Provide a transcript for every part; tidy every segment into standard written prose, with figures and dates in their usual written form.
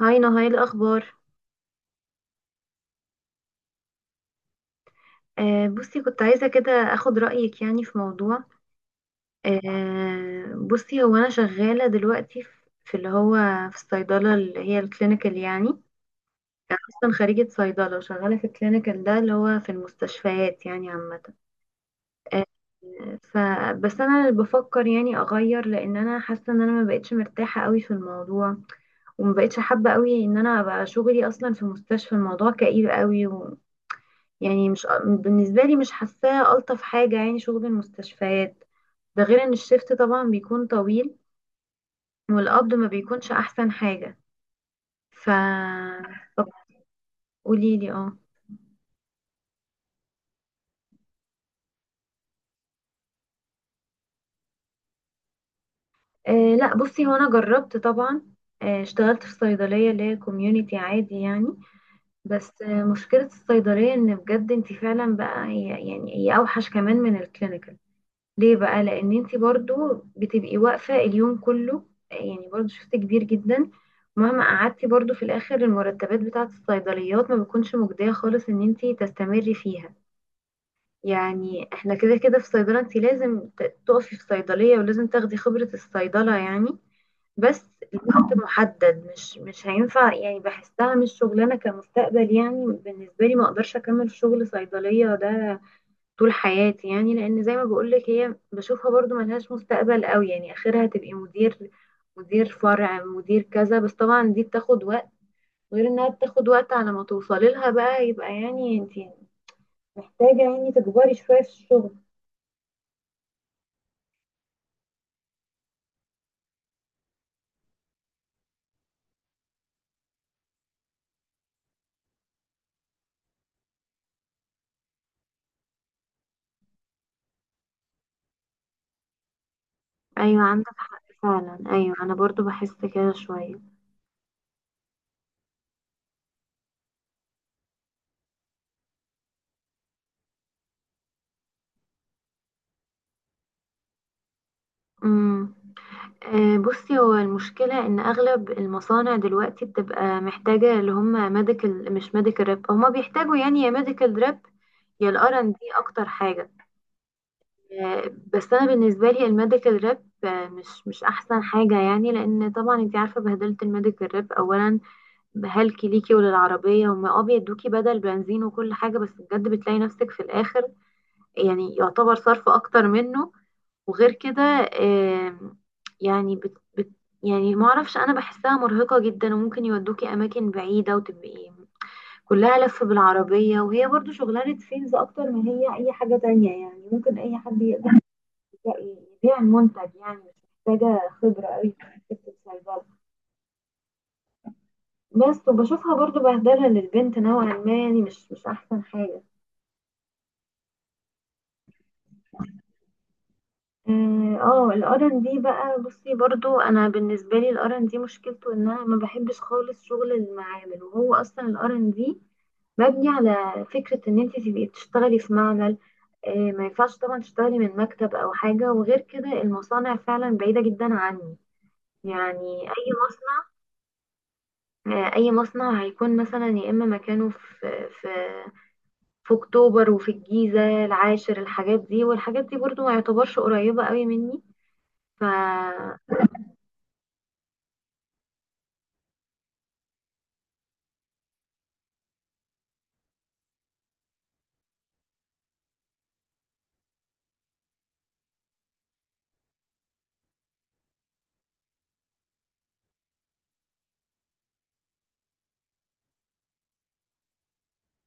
هاي نهاية الأخبار. بصي، كنت عايزة كده أخد رأيك يعني في موضوع. بصي، هو أنا شغالة دلوقتي في في اللي هو في الصيدلة اللي هي الكلينيكال يعني. أنا أصلا خريجة صيدلة وشغالة في الكلينيكال ده اللي هو في المستشفيات يعني، عامة آه. فبس أنا اللي بفكر يعني أغير، لأن أنا حاسة إن أنا ما بقتش مرتاحة قوي في الموضوع، وما بقتش حابة قوي إن أنا أبقى شغلي أصلا في مستشفى. الموضوع كئيب قوي يعني، مش بالنسبة لي، مش حاساه ألطف حاجة يعني شغل المستشفيات. ده غير ان الشفت طبعا بيكون طويل، والقبض ما بيكونش احسن حاجة. ف طب قولي لي. اه آه، لا بصي، هو انا جربت طبعا. اشتغلت في صيدلية اللي هي كوميونيتي عادي يعني. بس مشكلة الصيدلية ان بجد انت فعلا بقى، هي يعني هي اوحش كمان من الكلينيكال. ليه بقى؟ لان انت برضو بتبقي واقفه اليوم كله، يعني برضو شفت كبير جدا. مهما قعدتي برضو، في الاخر المرتبات بتاعه الصيدليات ما بتكونش مجديه خالص ان انت تستمري فيها. يعني احنا كده كده في صيدله انت لازم تقفي في صيدليه، ولازم تاخدي خبره الصيدله يعني. بس الوقت محدد، مش هينفع يعني. بحسها مش شغلانه كمستقبل يعني، بالنسبه لي ما اقدرش اكمل في شغل صيدليه ده طول حياتي يعني، لان زي ما بقولك، هي بشوفها برضو ملهاش مستقبل قوي يعني. اخرها تبقي مدير، مدير فرع، مدير كذا، بس طبعا دي بتاخد وقت. غير انها بتاخد وقت على ما توصلي لها بقى، يبقى يعني انتي محتاجة يعني تكبري شوية في الشغل. ايوه عندك حق، فعلا ايوه، انا برضو بحس كده شوية. امم، بصي، هو المشكلة إن أغلب المصانع دلوقتي بتبقى محتاجة اللي هم ميديكال، مش ميديكال ريب. هما بيحتاجوا يعني يا ميديكال ريب، يا الار ان دي، أكتر حاجة. آه، بس أنا بالنسبة لي الميديكال ريب مش أحسن حاجة يعني، لأن طبعا أنت عارفة بهدلة الميديكال ريب. أولا بهلكي ليكي وللعربية، هما اه بيدوكي بدل بنزين وكل حاجة، بس بجد بتلاقي نفسك في الآخر يعني يعتبر صرف أكتر منه. وغير كده آم، يعني بت بت يعني ما اعرفش، انا بحسها مرهقة جدا، وممكن يودوكي اماكن بعيدة وتبقي كلها لف بالعربية. وهي برضو شغلانة سيلز اكتر ما هي اي حاجة تانية يعني. ممكن اي حد يقدر يبيع، يبيع المنتج يعني، مش محتاجة خبرة قوي في حتة الصيدلة. بس وبشوفها برضو بهدلة للبنت نوعا ما يعني، مش مش احسن حاجة. اه آه، الار ان دي بقى، بصي برضو انا بالنسبه لي الار ان دي مشكلته ان انا ما بحبش خالص شغل المعامل. وهو اصلا الار ان دي مبني على فكره ان انت تبقي بتشتغلي في معمل، ما ينفعش طبعا تشتغلي من مكتب او حاجه. وغير كده المصانع فعلا بعيده جدا عني. يعني اي مصنع، اي مصنع هيكون مثلا يا اما مكانه في اكتوبر وفي الجيزه العاشر، الحاجات دي والحاجات دي برضو ما يعتبرش قريبه قوي مني. ف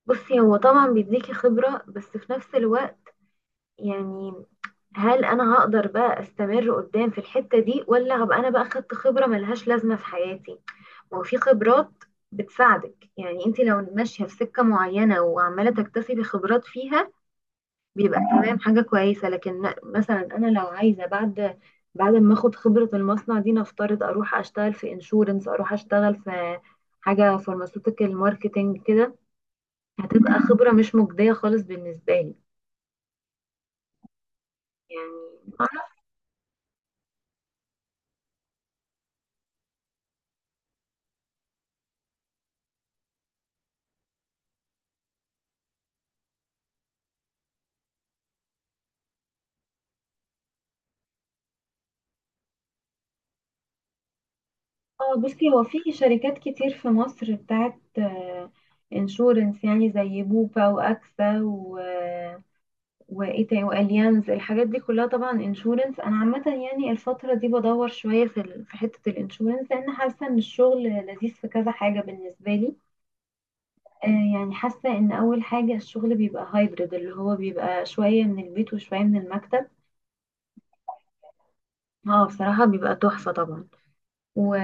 بصي، هو طبعا بيديكي خبرة، بس في نفس الوقت يعني، هل انا هقدر بقى استمر قدام في الحتة دي، ولا هبقى انا بقى خدت خبرة ملهاش لازمة في حياتي؟ وفي خبرات بتساعدك يعني، انت لو ماشية في سكة معينة وعمالة تكتسبي خبرات فيها بيبقى تمام، حاجة كويسة. لكن مثلا انا لو عايزة بعد، بعد ما اخد خبرة المصنع دي نفترض، اروح اشتغل في انشورنس، اروح اشتغل في حاجة فارماسيوتيكال ماركتنج كده، هتبقى خبرة مش مجدية خالص بالنسبة لي يعني. اه بصي، هو في شركات كتير في مصر بتاعت انشورنس يعني، زي بوبا واكسا وايه تاني، واليانز، الحاجات دي كلها طبعا انشورنس. انا عامه يعني الفتره دي بدور شويه في حته الانشورنس، لان حاسه ان الشغل لذيذ في كذا حاجه بالنسبه لي. آه يعني حاسه ان اول حاجه الشغل بيبقى هايبرد، اللي هو بيبقى شويه من البيت وشويه من المكتب. اه بصراحه بيبقى تحفه طبعا. و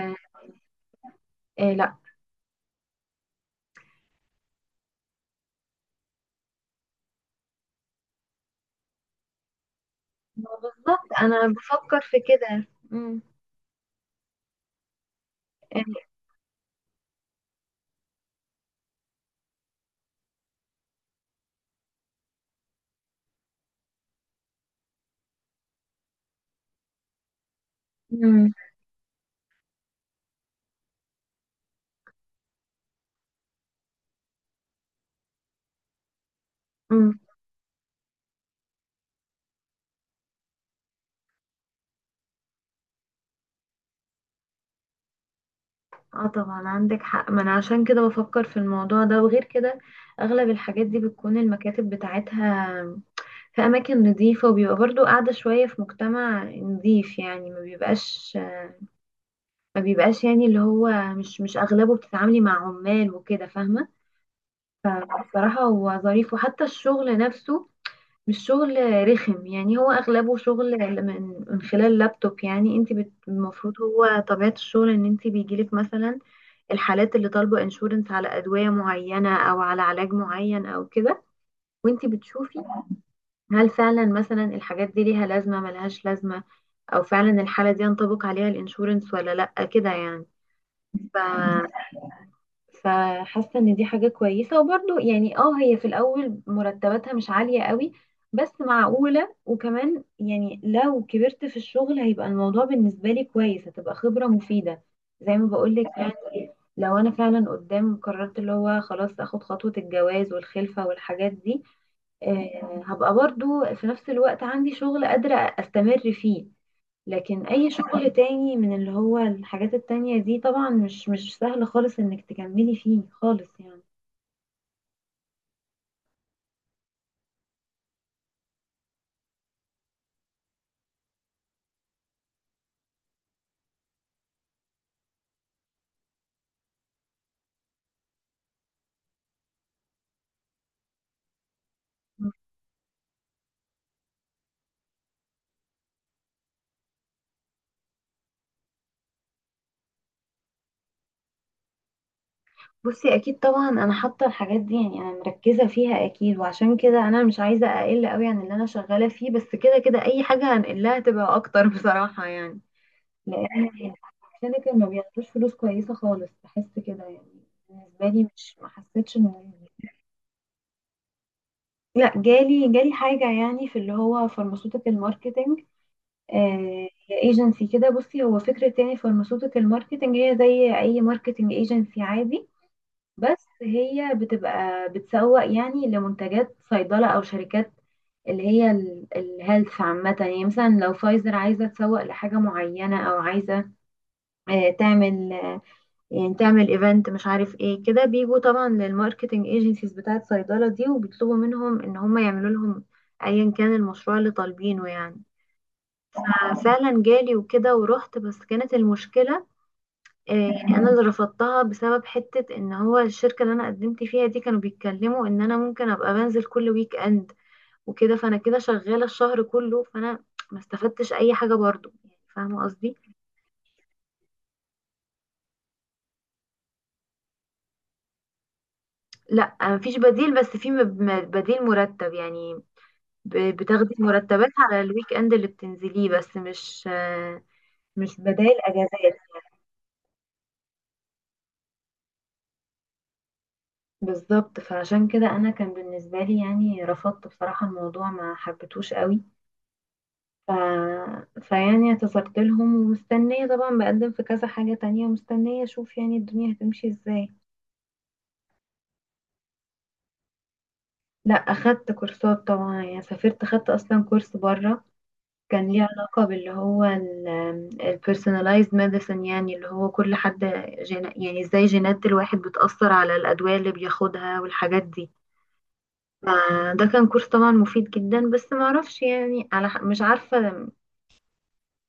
آه، ما بالظبط انا بفكر في كده. مم. يعني. مم. مم. اه طبعا عندك حق. ما انا عشان كده بفكر في الموضوع ده. وغير كده اغلب الحاجات دي بتكون المكاتب بتاعتها في اماكن نظيفة، وبيبقى برضو قاعدة شوية في مجتمع نظيف يعني، ما بيبقاش، ما بيبقاش يعني اللي هو، مش مش اغلبه بتتعاملي مع عمال وكده، فاهمة. فبصراحة هو ظريف. وحتى الشغل نفسه مش شغل رخم يعني، هو اغلبه شغل من خلال لابتوب يعني. انت المفروض هو طبيعة الشغل ان انت بيجيلك مثلا الحالات اللي طالبة انشورنس على ادوية معينة، او على علاج معين، او كده، وانت بتشوفي هل فعلا مثلا الحاجات دي ليها لازمة ملهاش لازمة، او فعلا الحالة دي ينطبق عليها الانشورنس ولا لا، كده يعني. ف فحاسه ان دي حاجه كويسه. وبرضو يعني اه هي في الاول مرتباتها مش عاليه قوي، بس معقوله. وكمان يعني لو كبرت في الشغل هيبقى الموضوع بالنسبه لي كويس، هتبقى خبره مفيده زي ما بقولك يعني. لو انا فعلا قدام قررت اللي هو خلاص اخد خطوه الجواز والخلفه والحاجات دي، هبقى برضو في نفس الوقت عندي شغل قادره استمر فيه. لكن اي شغل تاني من اللي هو الحاجات التانية دي، طبعا مش مش سهل خالص انك تكملي فيه خالص يعني. بصي اكيد طبعا انا حاطه الحاجات دي يعني، انا مركزه فيها اكيد، وعشان كده انا مش عايزه اقل قوي عن اللي انا شغاله فيه. بس كده كده اي حاجه هنقلها تبقى اكتر بصراحه يعني. لان الشركه ما بياخدوش فلوس كويسه خالص، بحس كده يعني بالنسبه لي، مش ما حسيتش ان. لا جالي، جالي حاجه يعني في اللي هو فارماسيوتيكال ماركتنج. آه، هي ايجنسي كده. بصي، هو فكرة يعني فارماسيوتيكال ماركتنج هي زي اي ماركتنج ايجنسي عادي، بس هي بتبقى بتسوق يعني لمنتجات صيدلة، او شركات اللي هي الهيلث عامة يعني. مثلا لو فايزر عايزة تسوق لحاجة معينة، او عايزة تعمل يعني تعمل ايفنت، مش عارف ايه كده، بيجوا طبعا للماركتنج ايجنسيز بتاعت صيدلة دي، وبيطلبوا منهم ان هم يعملوا لهم ايا كان المشروع اللي طالبينه يعني. فعلا جالي، وكده ورحت، بس كانت المشكلة يعني أنا اللي رفضتها، بسبب حتة إن هو الشركة اللي أنا قدمت فيها دي كانوا بيتكلموا إن أنا ممكن أبقى بنزل كل ويك إند وكده. فأنا كده شغالة الشهر كله، فأنا ما استفدتش أي حاجة برضو يعني، فاهمة قصدي؟ لا مفيش بديل، بس في بديل مرتب يعني. بتاخدي مرتبات على الويك إند اللي بتنزليه، بس مش مش بدائل أجازات. بالظبط، فعشان كده انا كان بالنسبه لي يعني رفضت بصراحه، الموضوع ما حبيتهوش قوي. ف... فيعني اعتذرت لهم، ومستنيه طبعا بقدم في كذا حاجه تانية، مستنيه اشوف يعني الدنيا هتمشي ازاي. لا اخدت كورسات طبعا يعني. سافرت، اخدت اصلا كورس بره، كان ليه علاقه باللي هو البيرسوناليزد ميديسن، يعني اللي هو كل حد يعني ازاي جينات الواحد بتاثر على الادويه اللي بياخدها والحاجات دي. فده كان كورس طبعا مفيد جدا، بس ما اعرفش يعني على مش عارفة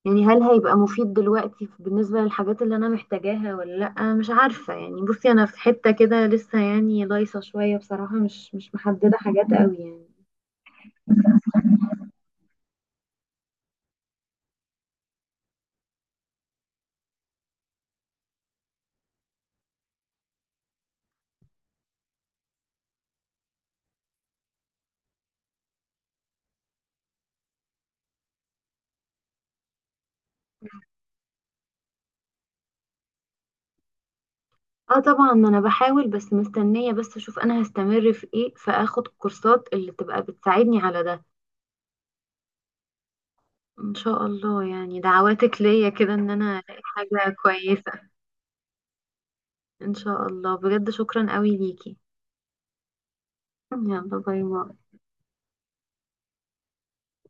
يعني، هل هيبقى مفيد دلوقتي بالنسبة للحاجات اللي انا محتاجاها ولا لا، مش عارفة يعني. بصي انا في حتة كده لسه يعني دايسة شوية بصراحة، مش مش محددة حاجات قوي يعني. اه طبعا انا بحاول، بس مستنية بس اشوف انا هستمر في ايه، فاخد الكورسات اللي تبقى بتساعدني على ده. ان شاء الله يعني، دعواتك ليا كده ان انا الاقي حاجة كويسة. ان شاء الله، بجد شكرا قوي ليكي. يلا باي باي.